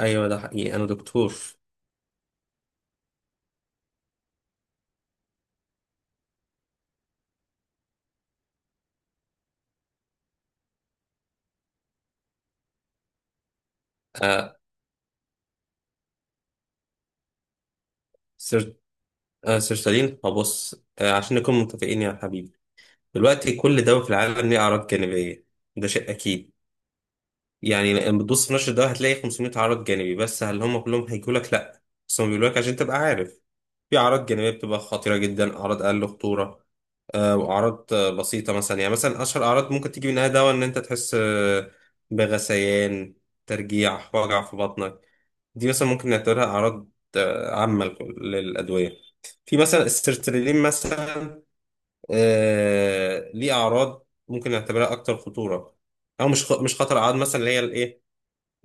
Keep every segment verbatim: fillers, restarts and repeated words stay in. ايوه، ده حقيقي، انا دكتور. آه سير آه سير سليم، هبص، آه عشان نكون متفقين يا حبيبي. دلوقتي، كل دواء في العالم ليه اعراض جانبيه. ده شيء اكيد. يعني لما بتبص في نشر الدواء هتلاقي خمسمية عرض جانبي، بس هل هم كلهم هيجوا لك؟ لا، بس هم بيقولوا لك عشان تبقى عارف. في اعراض جانبيه بتبقى خطيره جدا، اعراض اقل خطوره، آه واعراض آه بسيطه. مثلا، يعني مثلا، اشهر اعراض ممكن تيجي منها دواء ان انت تحس آه بغثيان، ترجيع، وجع في بطنك. دي مثلا ممكن نعتبرها أعراض آه، عامة للأدوية. في مثلا السيرترلين مثلا، آه ليه أعراض ممكن نعتبرها أكتر خطورة، أو مش خ- مش خطر. أعراض مثلا اللي هي الإيه،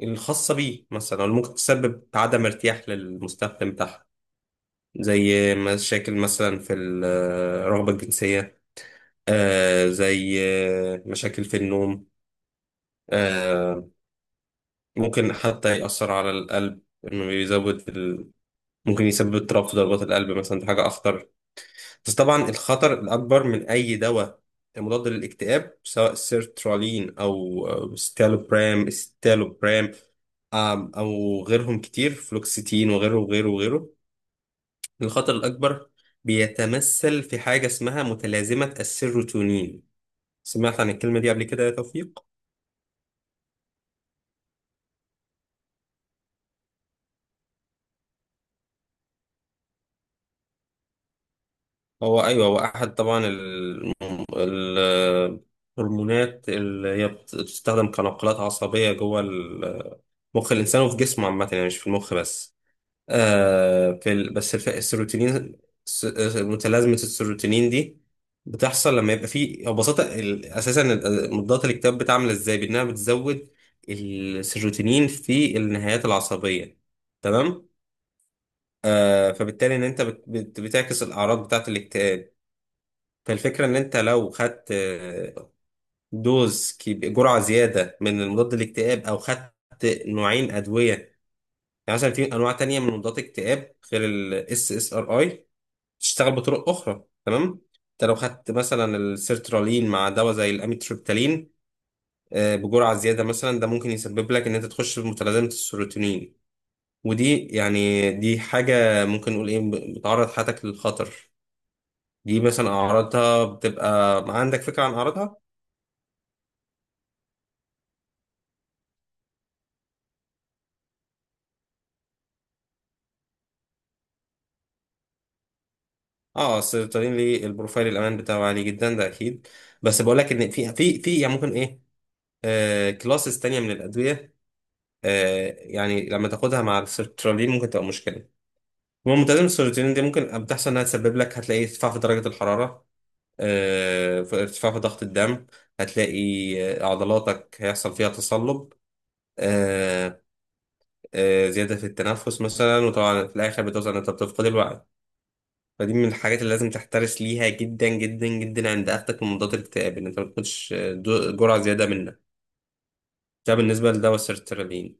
الخاصة بيه، مثلا اللي ممكن تسبب عدم ارتياح للمستخدم بتاعها، زي مشاكل مثلا في الرغبة الجنسية، آه زي آه، مشاكل في النوم، آه ممكن حتى يأثر على القلب، إنه يزود. ممكن يسبب اضطراب في ضربات القلب مثلا، دي حاجة أخطر. بس طبعا الخطر الأكبر من أي دواء مضاد للاكتئاب، سواء سيرترالين أو أو ستالوبرام ستالوبرام، آم، أو غيرهم كتير، فلوكسيتين وغيره وغيره وغيره. الخطر الأكبر بيتمثل في حاجة اسمها متلازمة السيروتونين. سمعت عن الكلمة دي قبل كده يا توفيق؟ هو ايوه، هو احد طبعا ال- ال- الهرمونات اللي هي بت- بتستخدم كناقلات عصبيه جوه ال- مخ الانسان وفي جسمه عامه، يعني مش في المخ بس. آه في ال... بس الف... السيروتونين. س- متلازمه السيروتونين دي بتحصل لما يبقى في، او ببساطه ال... اساسا ال- مضادات الاكتئاب بتعمل ازاي، بانها بتزود السيروتونين في النهايات العصبيه. تمام. آه فبالتالي، ان انت بت... بت... بتعكس الاعراض بتاعه الاكتئاب. فالفكرة إن أنت لو خدت آه، دوز كبي- جرعة زيادة من مضاد الاكتئاب، أو خدت نوعين أدوية. يعني مثلا في أنواع تانية من مضادات الاكتئاب غير ال اس اس ار اي، تشتغل بطرق أخرى. تمام. أنت لو خدت مثلا السيرترالين مع دواء زي الأميتريبتالين، آه، بجرعة زيادة مثلا، ده ممكن يسبب لك إن أنت تخش في متلازمة السيروتونين. ودي يعني دي حاجة ممكن نقول إيه، بتعرض حياتك للخطر. دي مثلا أعراضها بتبقى. عندك فكرة عن أعراضها؟ اه، السيرتالين ليه البروفايل الامان بتاعه عالي جدا، ده اكيد. بس بقول لك ان في في في يعني ممكن ايه، آه كلاسز تانية من الادويه، آه يعني لما تاخدها مع السيرتالين ممكن تبقى مشكله. المهم، ملتزم السيرتالين دي ممكن بتحصل انها تسبب لك، هتلاقي ارتفاع في درجه الحراره، آه في ارتفاع في ضغط الدم، هتلاقي آه، عضلاتك هيحصل فيها تصلب، آه آه زياده في التنفس مثلا، وطبعا في الاخر بتوصل ان انت بتفقد الوعي. فدي من الحاجات اللي لازم تحترس ليها جدا جدا جدا عند اخدك من مضادات الاكتئاب، ان انت ما تاخدش دو- جرعه زياده منك. ده بالنسبه لدواء السيرترالين.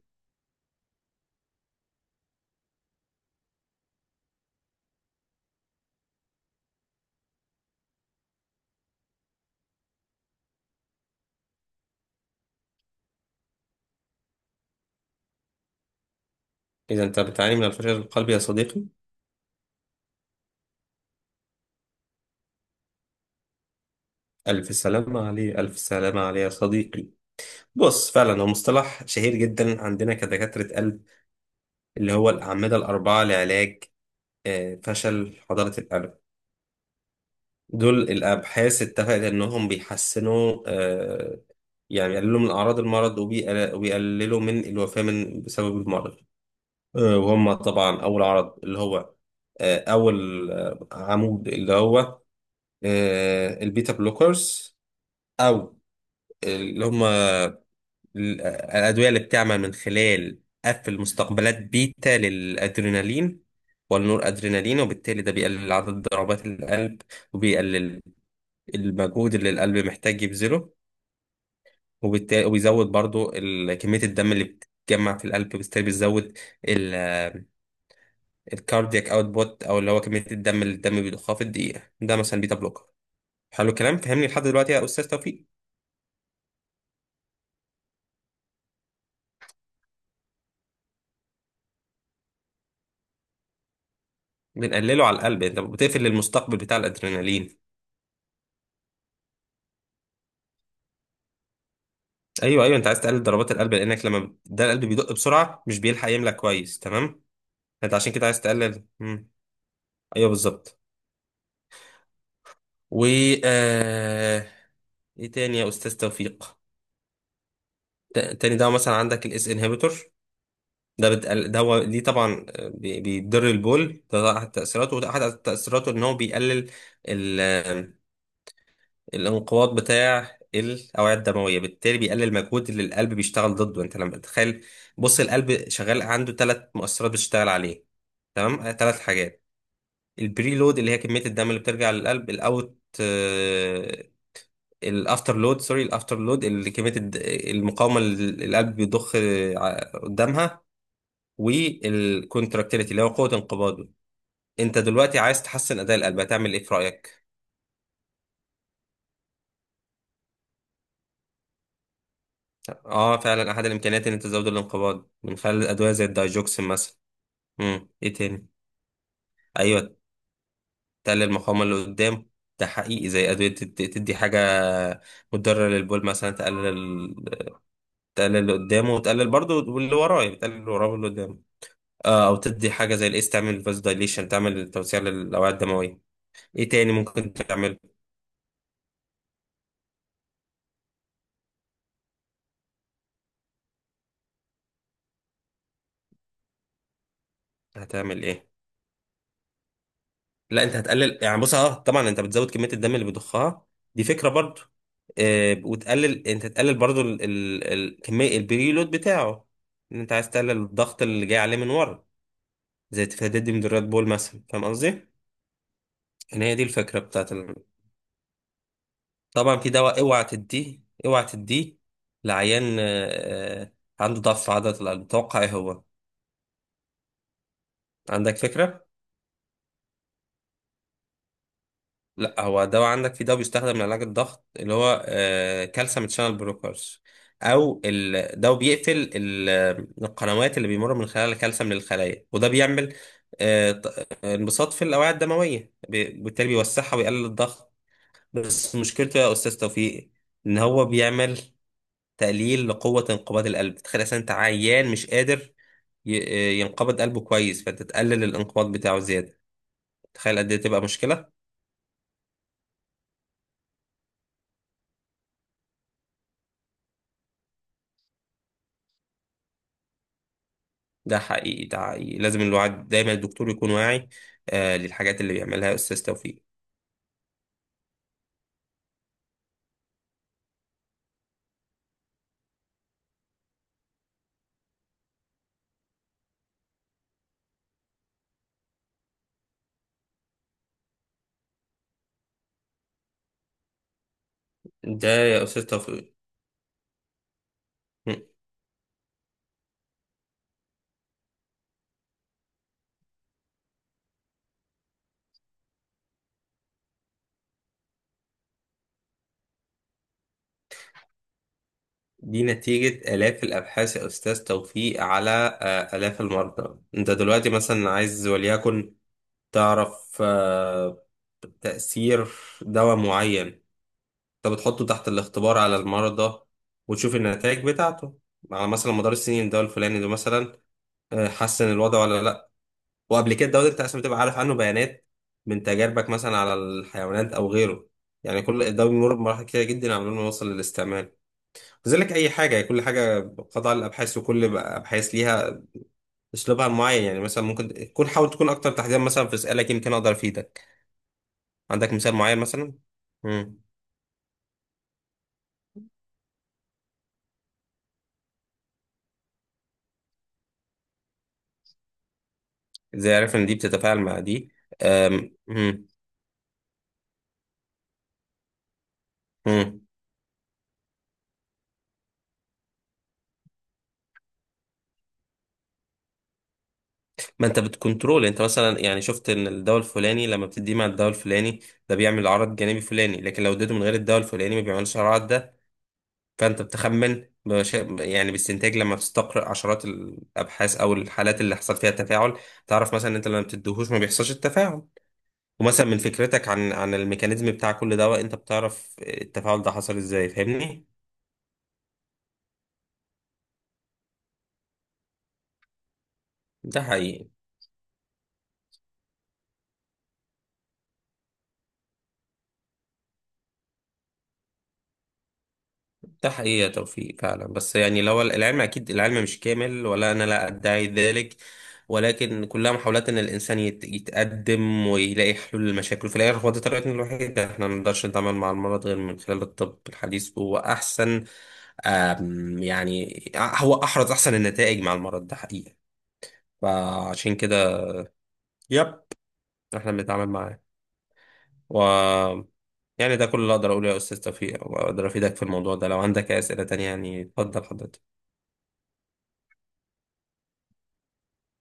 اذا انت بتعاني من الفشل القلبي يا صديقي. الف سلامه عليه، الف سلامه عليه يا صديقي. بص، فعلا هو مصطلح شهير جدا عندنا كدكاتره قلب، اللي هو الاعمده الاربعه لعلاج آه، فشل حضاره القلب. دول الابحاث اتفقت انهم بيحسنوا، آه، يعني يقللوا من اعراض المرض، وبيقل- وبيقللوا من الوفاه من بسبب المرض. آه، وهم طبعا أول عرض اللي هو آه، أول آه، عمود اللي هو آه، البيتا بلوكرز، أو اللي هم الأدوية اللي بتعمل من خلال قفل مستقبلات بيتا للأدرينالين والنور أدرينالين، وبالتالي ده بيقلل عدد ضربات القلب، وبيقلل المجهود اللي القلب محتاج يبذله. وبالتالي وبيزود برضو ال- كمية الدم اللي بتتجمع في القلب، وبالتالي بيزود الكاردياك اوتبوت، او اللي هو كميه الدم اللي الدم بيضخها في الدقيقه. ده مثلا بيتا بلوكر. حلو الكلام، فهمني لحد دلوقتي يا استاذ توفيق؟ بنقلله على القلب، انت بتقفل المستقبل بتاع الادرينالين. ايوه ايوه، انت عايز تقلل ضربات القلب، لانك لما بت- ده القلب بيدق بسرعه، مش بيلحق يملى كويس. تمام. انت عشان كده عايز تقلل مم. ايوه بالظبط. و آه... ايه تاني يا استاذ توفيق؟ ت- تاني، ده مثلا عندك الاس انهبيتور. ده بت... ده هو دي طبعا بي- بيضر البول، ده احد تأثيراته، وده احد تأثيراته ان هو بيقلل ال... الانقباض بتاع الاوعية الدموية، بالتالي بيقلل المجهود اللي القلب بيشتغل ضده. انت لما تتخيل، بص، القلب شغال عنده ثلاث مؤثرات بتشتغل عليه، تمام؟ ثلاث حاجات: البري لود اللي هي كمية الدم اللي بترجع للقلب، الاوت آه، الافتر لود، سوري الافتر لود اللي كمية الد- المقاومة اللي القلب بيضخ آه، قدامها، والكونتراكتيليتي اللي هو قوة انقباضه. انت دلوقتي عايز تحسن اداء القلب، هتعمل ايه في رأيك؟ اه، فعلا احد الامكانيات ان انت تزود الانقباض من خلال ادوية زي الدايجوكسين مثلا. امم ايه تاني؟ ايوه، تقلل المقاومة اللي قدام. ده حقيقي، زي ادوية تد- تدي حاجة مضرة للبول مثلا، تقلل تقلل اللي قدامه، وتقلل برضه اللي وراه، يعني تقلل اللي وراه واللي قدامه. آه او تدي حاجة زي الاس، تعمل فاز دايليشن، تعمل توسيع للاوعية الدموية. ايه تاني ممكن تعمل؟ هتعمل ايه؟ لا، انت هتقلل. يعني بص، اه طبعا، انت بتزود كميه الدم اللي بيضخها، دي فكره برضو. آه وتقلل، انت تقلل برضو ال- ال- ال- كميه البريلود بتاعه، ان انت عايز تقلل الضغط اللي جاي عليه من ورا، زي تفادي من الريد بول مثلا. فاهم قصدي؟ ان هي دي الفكره بتاعت ال... طبعا في دواء اوعى تديه، اوعى تديه لعيان آه آه، عنده ضعف في عضله القلب. توقع ايه هو، عندك فكره؟ لا، هو دواء. عندك في دواء بيستخدم لعلاج الضغط اللي هو آه، كالسيوم شانل بلوكرز، او ال- ده بيقفل ال- القنوات اللي بيمر من خلالها الكالسيوم للخلايا، وده بيعمل آه، ط- انبساط في الاوعيه الدمويه، ب- بالتالي بيوسعها ويقلل الضغط. بس مشكلته يا استاذ توفيق، ان هو بيعمل تقليل لقوه انقباض القلب. تخيل، اصلا انت عيان مش قادر ي- آه، ينقبض قلبه كويس، فانت تقلل الانقباض بتاعه زياده. تخيل قد ايه تبقى مشكله. ده حقيقي، ده حقيقي، لازم الواحد دايما الدكتور يكون واعي آه للحاجات اللي بيعملها أستاذ توفيق. ده يا أستاذ توفيق م. دي نتيجة آلاف الأبحاث يا أستاذ توفيق، على آه آلاف المرضى. أنت دلوقتي مثلا عايز، وليكن، تعرف آه تأثير دواء معين. أنت بتحطه تحت الاختبار على المرضى، وتشوف النتائج بتاعته على مثلا مدار السنين، الدواء الفلاني ده مثلا آه، حسن الوضع ولا. وقبل كده دورة عشان بتبقى عارف عنه بيانات، من تجاربك مثلا على الحيوانات او غيره. يعني كل الدواء بيمر بمراحل كتيرة جدا قبل ما يوصل للاستعمال. كذلك اي حاجة، كل حاجة، قطع الابحاث، وكل بقى ابحاث ليها اسلوبها معين. يعني مثلا ممكن تكون، حاول تكون اكتر تحديدا مثلا في اسئلة يمكن اقدر افيدك. عندك مثال معين مثلا؟ امم ازاي عارف ان دي بتتفاعل مع دي؟ امم امم ما انت بتكنترول، انت مثلا يعني شفت ان الدواء الفلاني لما بتديه مع الدواء الفلاني ده بيعمل عرض جانبي فلاني، لكن لو اديته من غير الدواء الفلاني ما بيعملش العرض ده. فانت بتخمن بش... يعني باستنتاج، لما بتستقرأ عشرات الابحاث او الحالات اللي حصل فيها تفاعل، تعرف مثلا ان انت لما بتديهوش ما بيحصلش التفاعل. ومثلا من فكرتك عن عن الميكانيزم بتاع كل دواء، انت بتعرف التفاعل ده حصل ازاي. فاهمني؟ ده حقيقي، ده حقيقة توفيق، فعلا. بس يعني لو العلم، أكيد العلم مش كامل، ولا أنا لا أدعي ذلك، ولكن كلها محاولات إن الإنسان يت- يتقدم ويلاقي حلول للمشاكل. في الآخر، هو ده طريقتنا الوحيدة. إحنا ما نقدرش نتعامل مع المرض غير من خلال الطب الحديث، هو أحسن. آم، يعني هو أحرز أحسن النتائج مع المرض، ده حقيقة. فعشان كده، يب إحنا بنتعامل معاه، و يعني ده كل اللي أقدر أقوله يا أستاذ توفيق، وأقدر أفيدك في الموضوع ده. لو عندك أي أسئلة تانية يعني، اتفضل حضرتك.